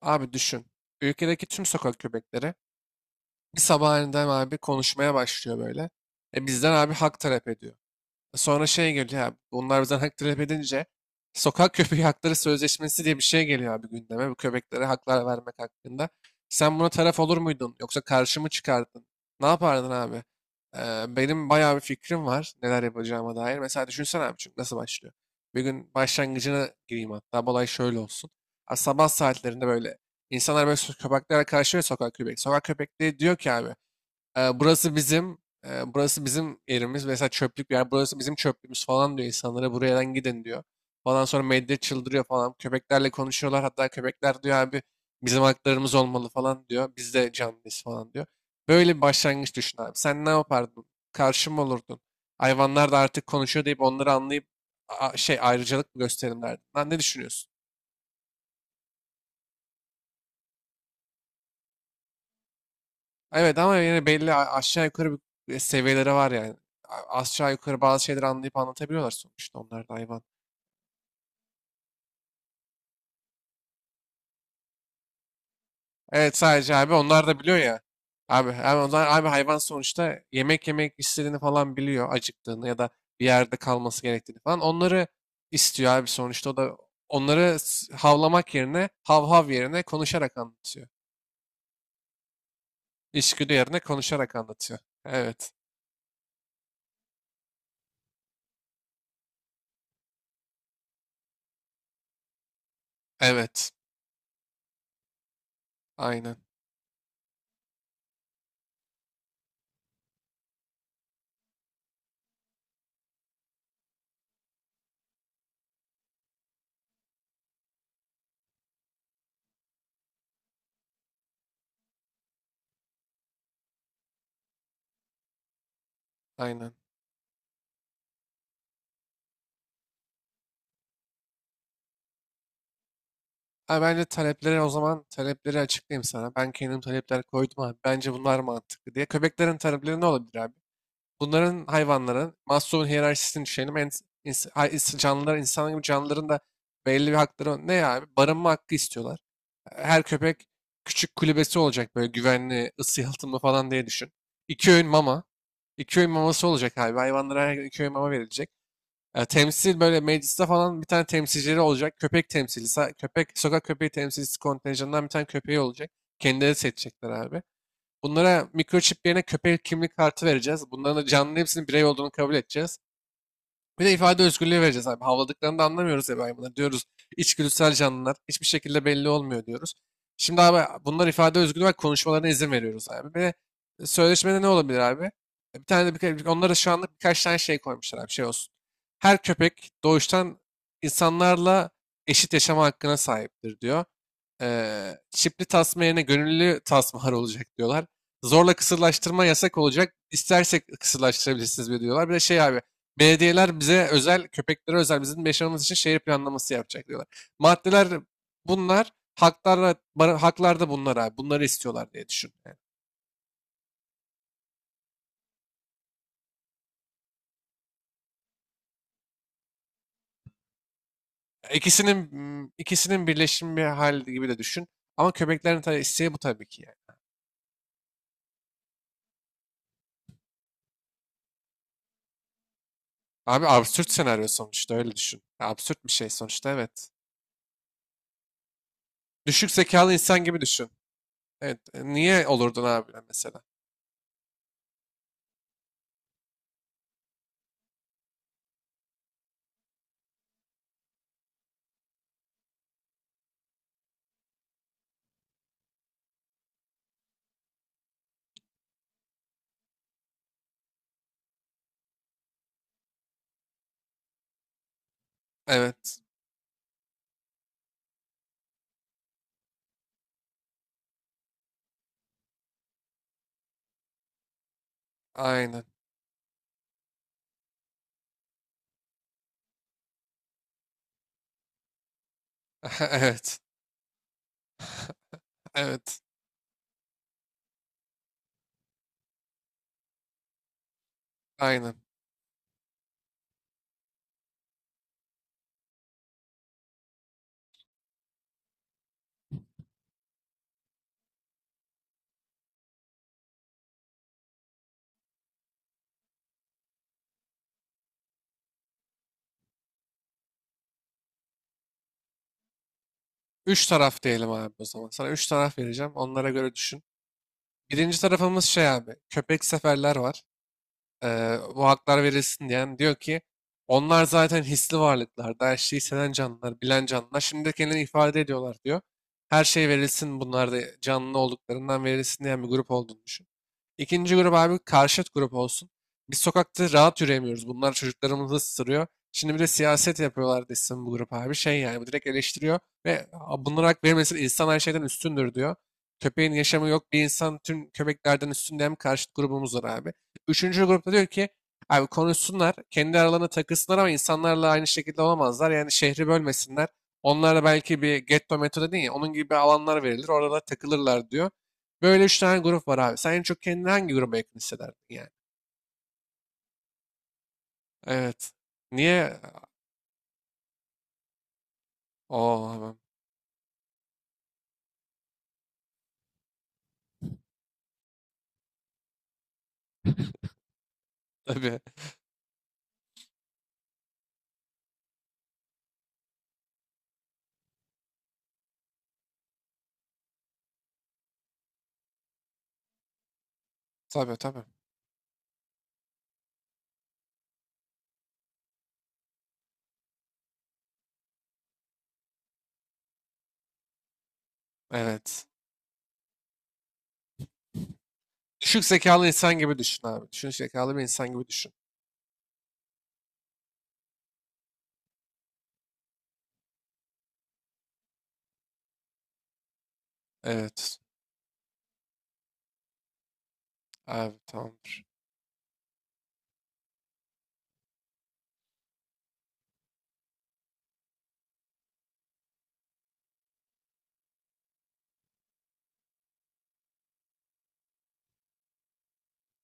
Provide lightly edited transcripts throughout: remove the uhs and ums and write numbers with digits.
Abi düşün. Ülkedeki tüm sokak köpekleri bir sabah aniden abi konuşmaya başlıyor böyle. E bizden abi hak talep ediyor. Sonra şey geliyor abi. Bunlar bizden hak talep edince sokak köpeği hakları sözleşmesi diye bir şey geliyor abi gündeme. Bu köpeklere haklar vermek hakkında. Sen buna taraf olur muydun? Yoksa karşı mı çıkardın? Ne yapardın abi? Benim bayağı bir fikrim var neler yapacağıma dair. Mesela düşünsene abi, çünkü nasıl başlıyor? Bir gün başlangıcına gireyim hatta. Bu olay şöyle olsun. Ha, Sabah saatlerinde böyle insanlar böyle köpeklere karşı ve Sokak köpekleri diyor ki abi, burası bizim, burası bizim yerimiz. Mesela çöplük bir yer. Burası bizim çöplüğümüz falan diyor insanlara. Buradan gidin diyor. Falan sonra medya çıldırıyor falan. Köpeklerle konuşuyorlar. Hatta köpekler diyor abi bizim haklarımız olmalı falan diyor. Biz de canlıyız falan diyor. Böyle bir başlangıç düşün abi. Sen ne yapardın? Karşı mı olurdun? Hayvanlar da artık konuşuyor deyip onları anlayıp şey ayrıcalık mı gösterelim derdin? Lan ne düşünüyorsun? Evet, ama yine belli aşağı yukarı bir seviyeleri var yani. Aşağı yukarı bazı şeyleri anlayıp anlatabiliyorlar, sonuçta onlar da hayvan. Evet, sadece abi onlar da biliyor ya. Abi, abi onlar abi hayvan sonuçta, yemek yemek istediğini falan biliyor, acıktığını ya da bir yerde kalması gerektiğini falan. Onları istiyor abi sonuçta, o da onları havlamak yerine, hav hav yerine konuşarak anlatıyor. İçgüdü yerine konuşarak anlatıyor. Evet. Evet. Aynen. Aynen. Ha, Bence talepleri, o zaman talepleri açıklayayım sana. Ben kendim talepler koydum abi. Bence bunlar mantıklı diye. Köpeklerin talepleri ne olabilir abi? Bunların, hayvanların Maslow'un hiyerarşisini düşünelim. En, ins- hay- ins- Canlılar, insan gibi canlıların da belli bir hakları var. Ne abi? Barınma hakkı istiyorlar. Her köpek küçük kulübesi olacak, böyle güvenli, ısı yalıtımlı falan diye düşün. İki öğün mama. İki öğün maması olacak abi. Hayvanlara her gün iki öğün mama verilecek. Temsil, böyle mecliste falan bir tane temsilcileri olacak. Köpek temsilcisi, köpek, sokak köpeği temsilcisi kontenjanından bir tane köpeği olacak. Kendileri seçecekler abi. Bunlara mikroçip yerine köpek kimlik kartı vereceğiz. Bunların da canlı, hepsinin birey olduğunu kabul edeceğiz. Bir de ifade özgürlüğü vereceğiz abi. Havladıklarını da anlamıyoruz ya hayvanlar. Diyoruz içgüdüsel canlılar. Hiçbir şekilde belli olmuyor diyoruz. Şimdi abi bunlar ifade özgürlüğü var. Konuşmalarına izin veriyoruz abi. Ve sözleşmede ne olabilir abi? Bir tane de onlara şu anlık birkaç tane şey koymuşlar abi. Şey olsun. Her köpek doğuştan insanlarla eşit yaşama hakkına sahiptir diyor. Çipli tasma yerine gönüllü tasmalar olacak diyorlar. Zorla kısırlaştırma yasak olacak. İstersek kısırlaştırabilirsiniz diyorlar. Bir de şey abi, belediyeler bize özel, köpeklere özel, bizim yaşamamız için şehir planlaması yapacak diyorlar. Maddeler bunlar, haklarla, haklar da bunlar abi. Bunları istiyorlar diye düşün. Yani İkisinin, ikisinin birleşimi bir hal gibi de düşün. Ama köpeklerin tabii isteği bu, tabii ki yani. Abi absürt senaryo sonuçta, öyle düşün. Ya absürt bir şey sonuçta, evet. Düşük zekalı insan gibi düşün. Evet. Niye olurdun abi mesela? Evet. Aynen. Evet. Evet. Aynen. Üç taraf diyelim abi o zaman. Sana üç taraf vereceğim. Onlara göre düşün. Birinci tarafımız şey abi. Köpek seferler var. Bu haklar verilsin diyen diyor ki, onlar zaten hisli varlıklar. Daha her şeyi hisseden canlılar, bilen canlılar. Şimdi de kendilerini ifade ediyorlar diyor. Her şey verilsin, bunlar da canlı olduklarından verilsin diyen bir grup olduğunu düşün. İkinci grup abi karşıt grup olsun. Biz sokakta rahat yürüyemiyoruz. Bunlar çocuklarımızı ısırıyor. Şimdi bir de siyaset yapıyorlar desin bu grup abi. Şey yani, bu direkt eleştiriyor ve "Aa, bunlara hak verilmesin, insan her şeyden üstündür" diyor. Köpeğin yaşamı yok, bir insan tüm köpeklerden üstün diyen bir karşıt grubumuz var abi. Üçüncü grupta diyor ki abi, konuşsunlar, kendi aralarına takılsınlar ama insanlarla aynı şekilde olamazlar. Yani şehri bölmesinler. Onlara belki bir getto metodu değil ya, onun gibi alanlar verilir, orada takılırlar diyor. Böyle üç tane grup var abi. Sen en çok kendini hangi gruba yakın hissederdin yani? Evet. Niye? Oo, tamam. Tabii. Tabii tabii. Evet. Düşük zekalı insan gibi düşün abi. Düşük zekalı bir insan gibi düşün. Evet. Abi tamamdır.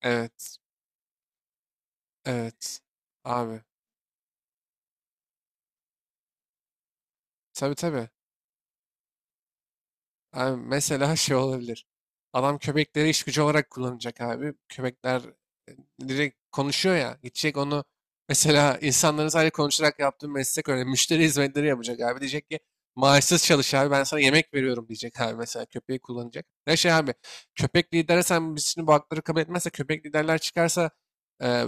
Evet. Evet. Abi. Tabii tabii. Abi mesela şey olabilir. Adam köpekleri iş gücü olarak kullanacak abi. Köpekler direkt konuşuyor ya. Gidecek onu mesela insanların sadece konuşarak yaptığı meslek öyle. Müşteri hizmetleri yapacak abi. Diyecek ki maaşsız çalış abi, ben sana yemek veriyorum diyecek abi, mesela köpeği kullanacak. Ne şey abi, köpek lideri, sen, biz şimdi bu hakları kabul etmezse, köpek liderler çıkarsa e,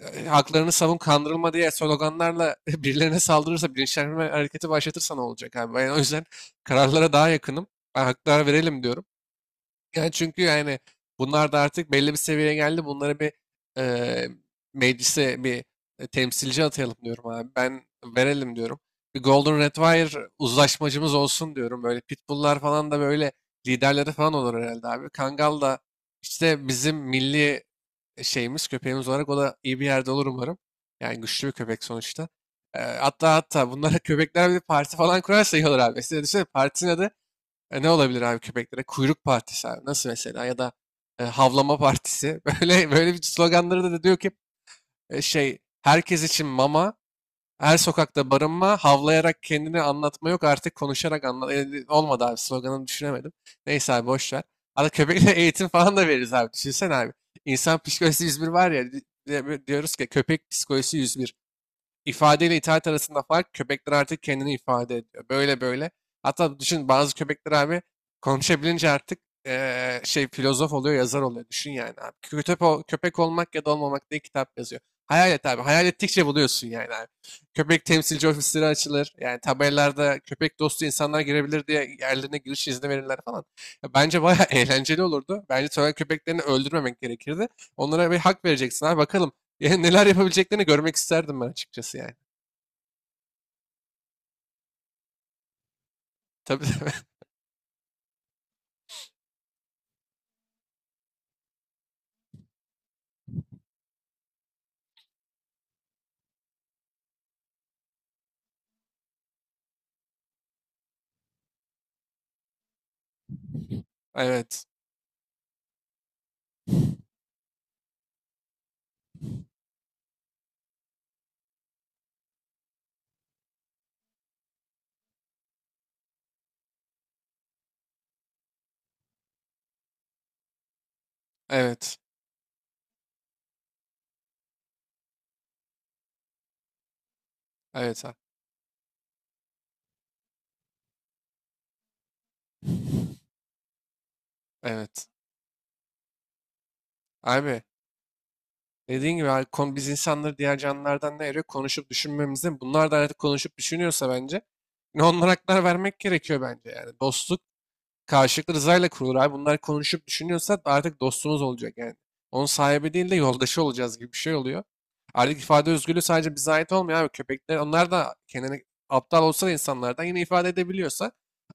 haklarını savun, kandırılma diye sloganlarla birilerine saldırırsa, bilinçlenme hareketi başlatırsa ne olacak abi? Ben o yüzden kararlara daha yakınım. Ben haklara verelim diyorum. Yani, çünkü yani bunlar da artık belli bir seviyeye geldi. Bunları bir eee, meclise bir temsilci atayalım diyorum abi. Ben verelim diyorum. Bir Golden Retriever uzlaşmacımız olsun diyorum. Böyle Pitbull'lar falan da böyle liderleri falan olur herhalde abi. Kangal da işte bizim milli şeyimiz, köpeğimiz olarak o da iyi bir yerde olur umarım. Yani güçlü bir köpek sonuçta. Hatta hatta bunlara köpekler bir parti falan kurarsa iyi olur abi. Size düşünsene partinin adı ne olabilir abi köpeklere? Kuyruk partisi abi. Nasıl mesela? Ya da havlama partisi. Böyle böyle bir sloganları da, diyor ki şey, herkes için mama, her sokakta barınma, havlayarak kendini anlatma yok, artık konuşarak anlat. E, olmadı abi, sloganını düşünemedim. Neyse abi, boş ver. Arada köpeklere eğitim falan da veririz abi. Düşünsene abi. İnsan psikolojisi 101 var ya, diyoruz ki köpek psikolojisi 101. İfade ile itaat arasında fark, köpekler artık kendini ifade ediyor. Böyle böyle. Hatta düşün, bazı köpekler abi konuşabilince artık şey filozof oluyor, yazar oluyor. Düşün yani abi. Köpek olmak ya da olmamak diye kitap yazıyor. Hayal et abi. Hayal ettikçe buluyorsun yani abi. Köpek temsilci ofisleri açılır. Yani tabelalarda köpek dostu insanlar girebilir diye yerlerine giriş izni verirler falan. Ya bence bayağı eğlenceli olurdu. Bence sokak köpeklerini öldürmemek gerekirdi. Onlara bir hak vereceksin abi. Bakalım. Yani neler yapabileceklerini görmek isterdim ben açıkçası yani. Tabii tabii. Evet. Evet. Evet. Evet. Abi, dediğin gibi abi, biz insanları diğer canlılardan ne ayırıyor? Konuşup düşünmemizde. Bunlar da artık konuşup düşünüyorsa bence. Ne, onlara haklar vermek gerekiyor bence yani. Dostluk karşılıklı rızayla kurulur abi. Bunlar konuşup düşünüyorsa artık dostumuz olacak yani. Onun sahibi değil de yoldaşı olacağız gibi bir şey oluyor. Artık ifade özgürlüğü sadece bize ait olmuyor abi. Köpekler, onlar da kendini, aptal olsa da insanlardan, yine ifade edebiliyorsa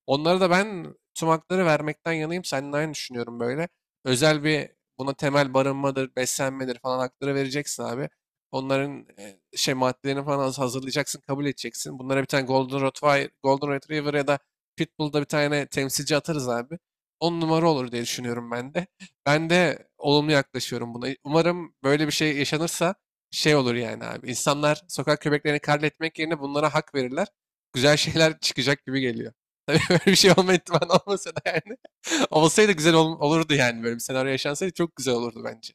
onlara da ben tüm hakları vermekten yanayım. Seninle aynı düşünüyorum böyle. Özel bir, buna temel, barınmadır, beslenmedir falan hakları vereceksin abi. Onların şey maddelerini falan hazırlayacaksın, kabul edeceksin. Bunlara bir tane Golden Retriever, Golden Retriever ya da Pitbull'da bir tane temsilci atarız abi. On numara olur diye düşünüyorum ben de. Ben de olumlu yaklaşıyorum buna. Umarım böyle bir şey yaşanırsa şey olur yani abi. İnsanlar sokak köpeklerini katletmek yerine bunlara hak verirler. Güzel şeyler çıkacak gibi geliyor. Böyle bir şey olma ihtimali olmasa da yani. Olurdu yani, böyle bir senaryo yaşansaydı çok güzel olurdu bence.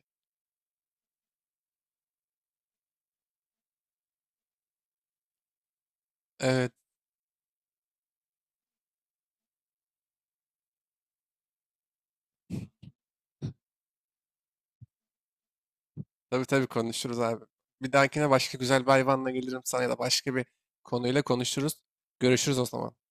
Evet, tabii tabii konuşuruz abi. Bir dahakine başka güzel bir hayvanla gelirim sana ya da başka bir konuyla konuşuruz. Görüşürüz o zaman.